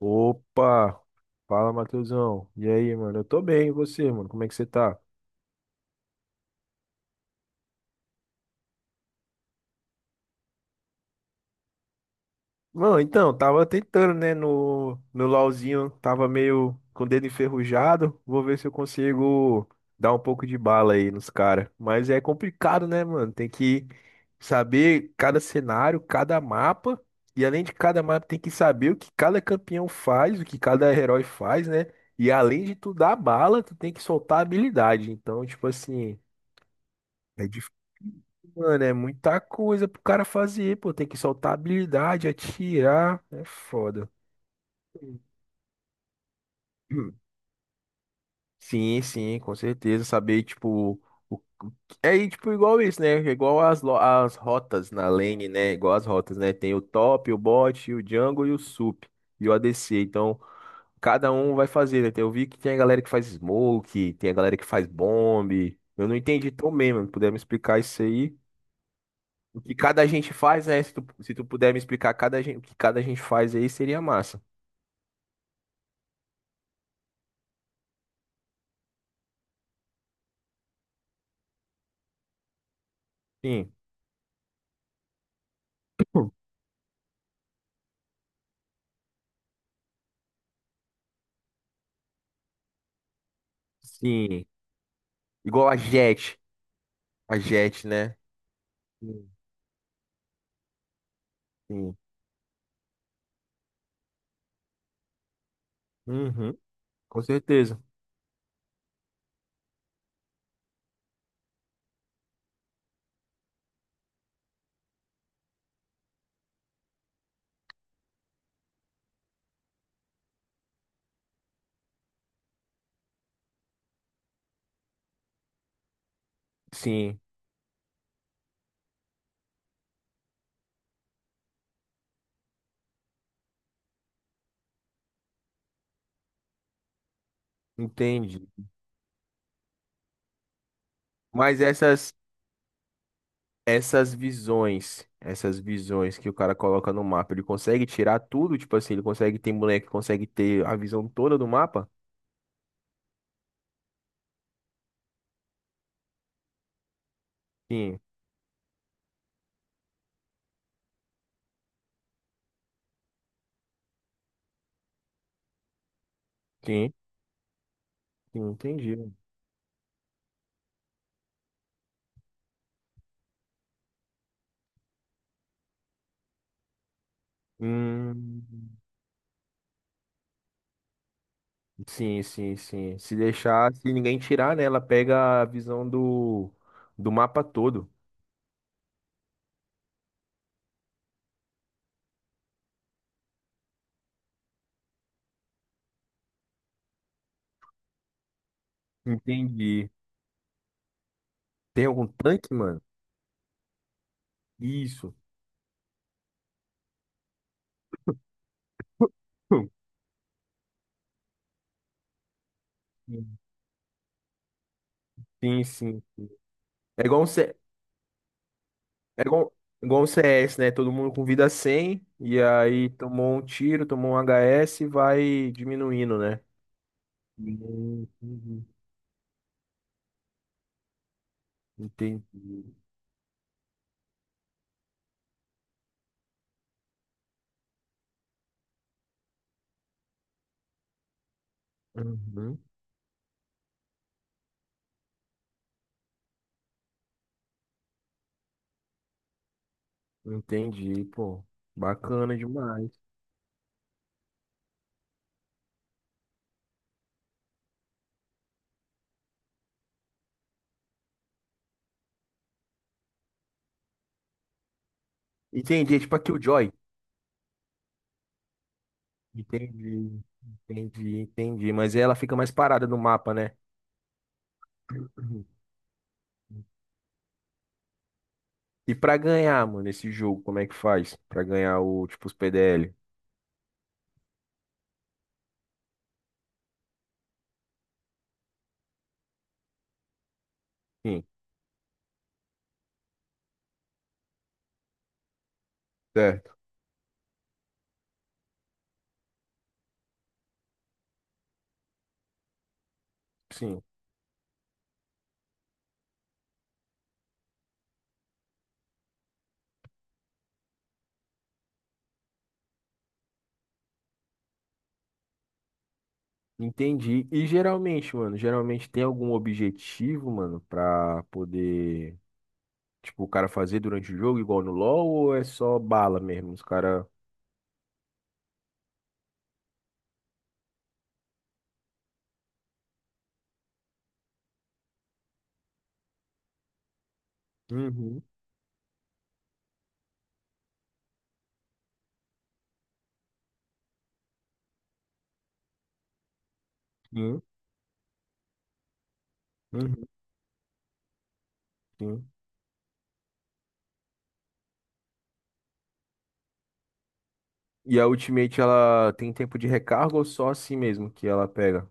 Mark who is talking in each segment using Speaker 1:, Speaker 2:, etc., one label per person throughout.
Speaker 1: Opa! Fala, Matheusão. E aí, mano? Eu tô bem, e você, mano? Como é que você tá? Mano, então, tava tentando, né, no LOLzinho, tava meio com o dedo enferrujado. Vou ver se eu consigo dar um pouco de bala aí nos caras. Mas é complicado, né, mano? Tem que saber cada cenário, cada mapa. E além de cada mapa, tem que saber o que cada campeão faz, o que cada herói faz, né? E além de tu dar bala, tu tem que soltar habilidade. Então, tipo assim. É difícil, mano. É muita coisa pro cara fazer, pô. Tem que soltar habilidade, atirar. É foda. Hum. Sim, sim, com certeza. Saber, tipo, o que... é tipo igual isso, né? É igual as rotas na lane, né? Igual as rotas, né? Tem o top, o bot, o jungle e o sup e o ADC. Então, cada um vai fazer, né? Tem... Eu vi que tem a galera que faz smoke, tem a galera que faz bomb. Eu não entendi tão bem, mano. Puder me explicar isso aí? O que cada gente faz, né? Se tu, se tu puder me explicar cada gente, o que cada gente faz aí, seria massa. Sim. Hum. Sim. Igual a Jet. A Jet, né? Sim. Sim. Uhum, com certeza. Sim, entendi. Mas essas visões que o cara coloca no mapa, ele consegue tirar tudo? Tipo assim, ele consegue ter boneco, que consegue ter a visão toda do mapa? Sim, sim, sim, entendi. Hum. Sim, sim, sim. Se deixar, se ninguém tirar, né, ela pega a visão do mapa todo. Entendi. Tem algum tanque, mano? Isso. Hum. Sim, sim. É igual um, C... é igual... igual um CS, né? Todo mundo com vida 100 e aí tomou um tiro, tomou um HS e vai diminuindo, né? Entendi. Entendi. Uhum. Entendi, pô. Bacana demais. Entendi. É tipo a Killjoy. Entendi, entendi, entendi. Mas ela fica mais parada no mapa, né? Uhum. E pra ganhar, mano, esse jogo, como é que faz? Pra ganhar o, tipo, os PDL? Sim. Certo. Sim. Entendi. E geralmente, mano, geralmente tem algum objetivo, mano, pra poder, tipo, o cara fazer durante o jogo, igual no LoL, ou é só bala mesmo? Os cara. Uhum, sim, uhum, sim. E a Ultimate, ela tem tempo de recarga ou só assim mesmo que ela pega?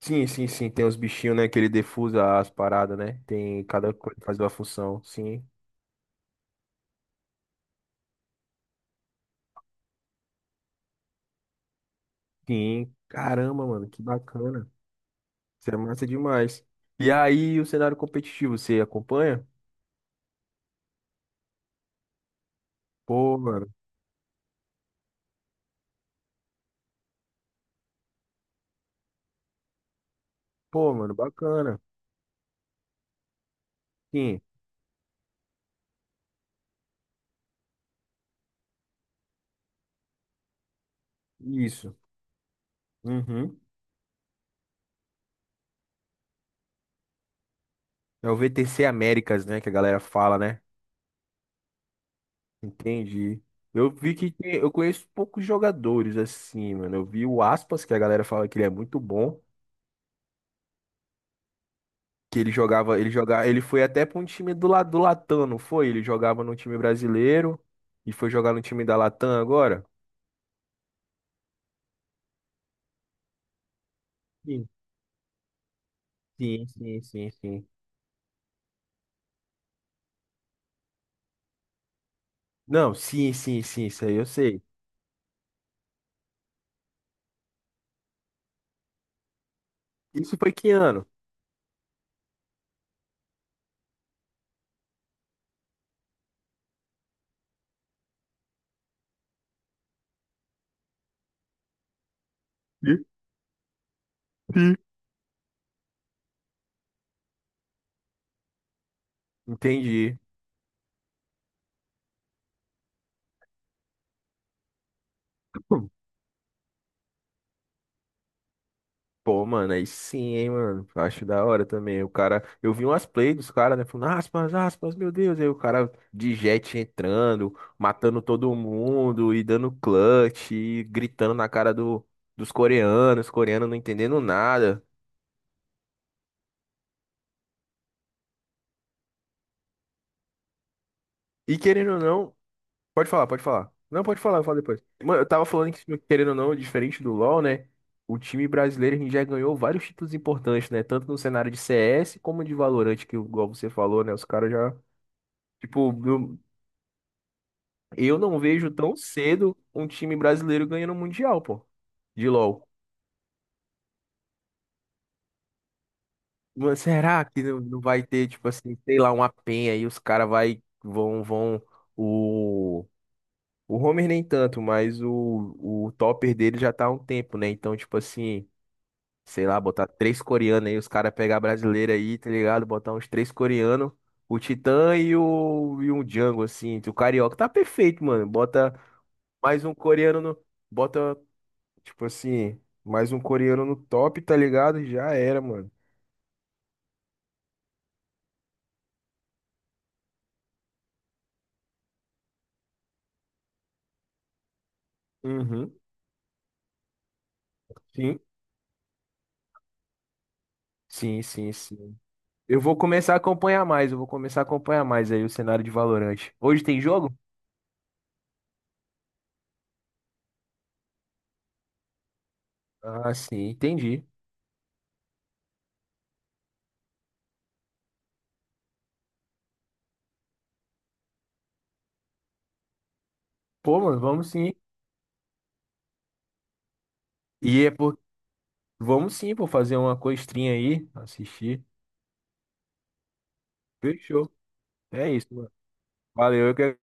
Speaker 1: Sim, sim, sim. Tem os bichinhos, né? Que ele defusa as paradas, né? Tem cada coisa faz uma função. Sim, sim. Caramba, mano, que bacana. Isso é massa demais. E aí, o cenário competitivo, você acompanha? Pô, mano. Pô, mano, bacana. Sim, isso. Uhum. É o VTC Américas, né? Que a galera fala, né? Entendi. Eu vi que tem... eu conheço poucos jogadores assim, mano. Eu vi o Aspas, que a galera fala que ele é muito bom. Que ele jogava, ele jogava, ele foi até pra um time do lado do Latam, não foi? Ele jogava no time brasileiro e foi jogar no time da Latam agora? Sim, sim, sim, sim. Sim. Não, sim, sim, sim, isso aí eu sei. Isso foi que ano? Sim, sim. Entendi. Pô, mano, aí sim, hein, mano. Acho da hora também. O cara, eu vi umas plays dos caras, né? Falando, aspas, aspas, meu Deus. Aí o cara de jet entrando, matando todo mundo e dando clutch, e gritando na cara do, dos coreanos, coreanos não entendendo nada. E querendo ou não, pode falar, pode falar. Não, pode falar, eu falo depois. Mano, eu tava falando que, querendo ou não, diferente do LoL, né? O time brasileiro a gente já ganhou vários títulos importantes, né? Tanto no cenário de CS como de Valorant, que igual você falou, né? Os caras já. Tipo, no... Eu não vejo tão cedo um time brasileiro ganhando o Mundial, pô, de LoL. Mas será que não vai ter, tipo assim, sei lá, uma penha e os caras vai, vão, o... O Homer nem tanto, mas o topper dele já tá há um tempo, né? Então, tipo assim, sei lá, botar 3 coreanos aí, os caras pegar brasileiro aí, tá ligado? Botar uns 3 coreanos, o Titã e o, e um Django, assim, o Carioca. Tá perfeito, mano. Bota mais um coreano no... Bota Tipo assim, mais um coreano no top, tá ligado? Já era, mano. Uhum. Sim. Sim, sim, sim. Eu vou começar a acompanhar mais, eu vou começar a acompanhar mais aí o cenário de Valorant. Hoje tem jogo? Ah, sim, entendi. Pô, mano, vamos sim. E é por... Vamos sim, pô, fazer uma costrinha aí, assistir. Fechou. É isso, mano. Valeu, eu que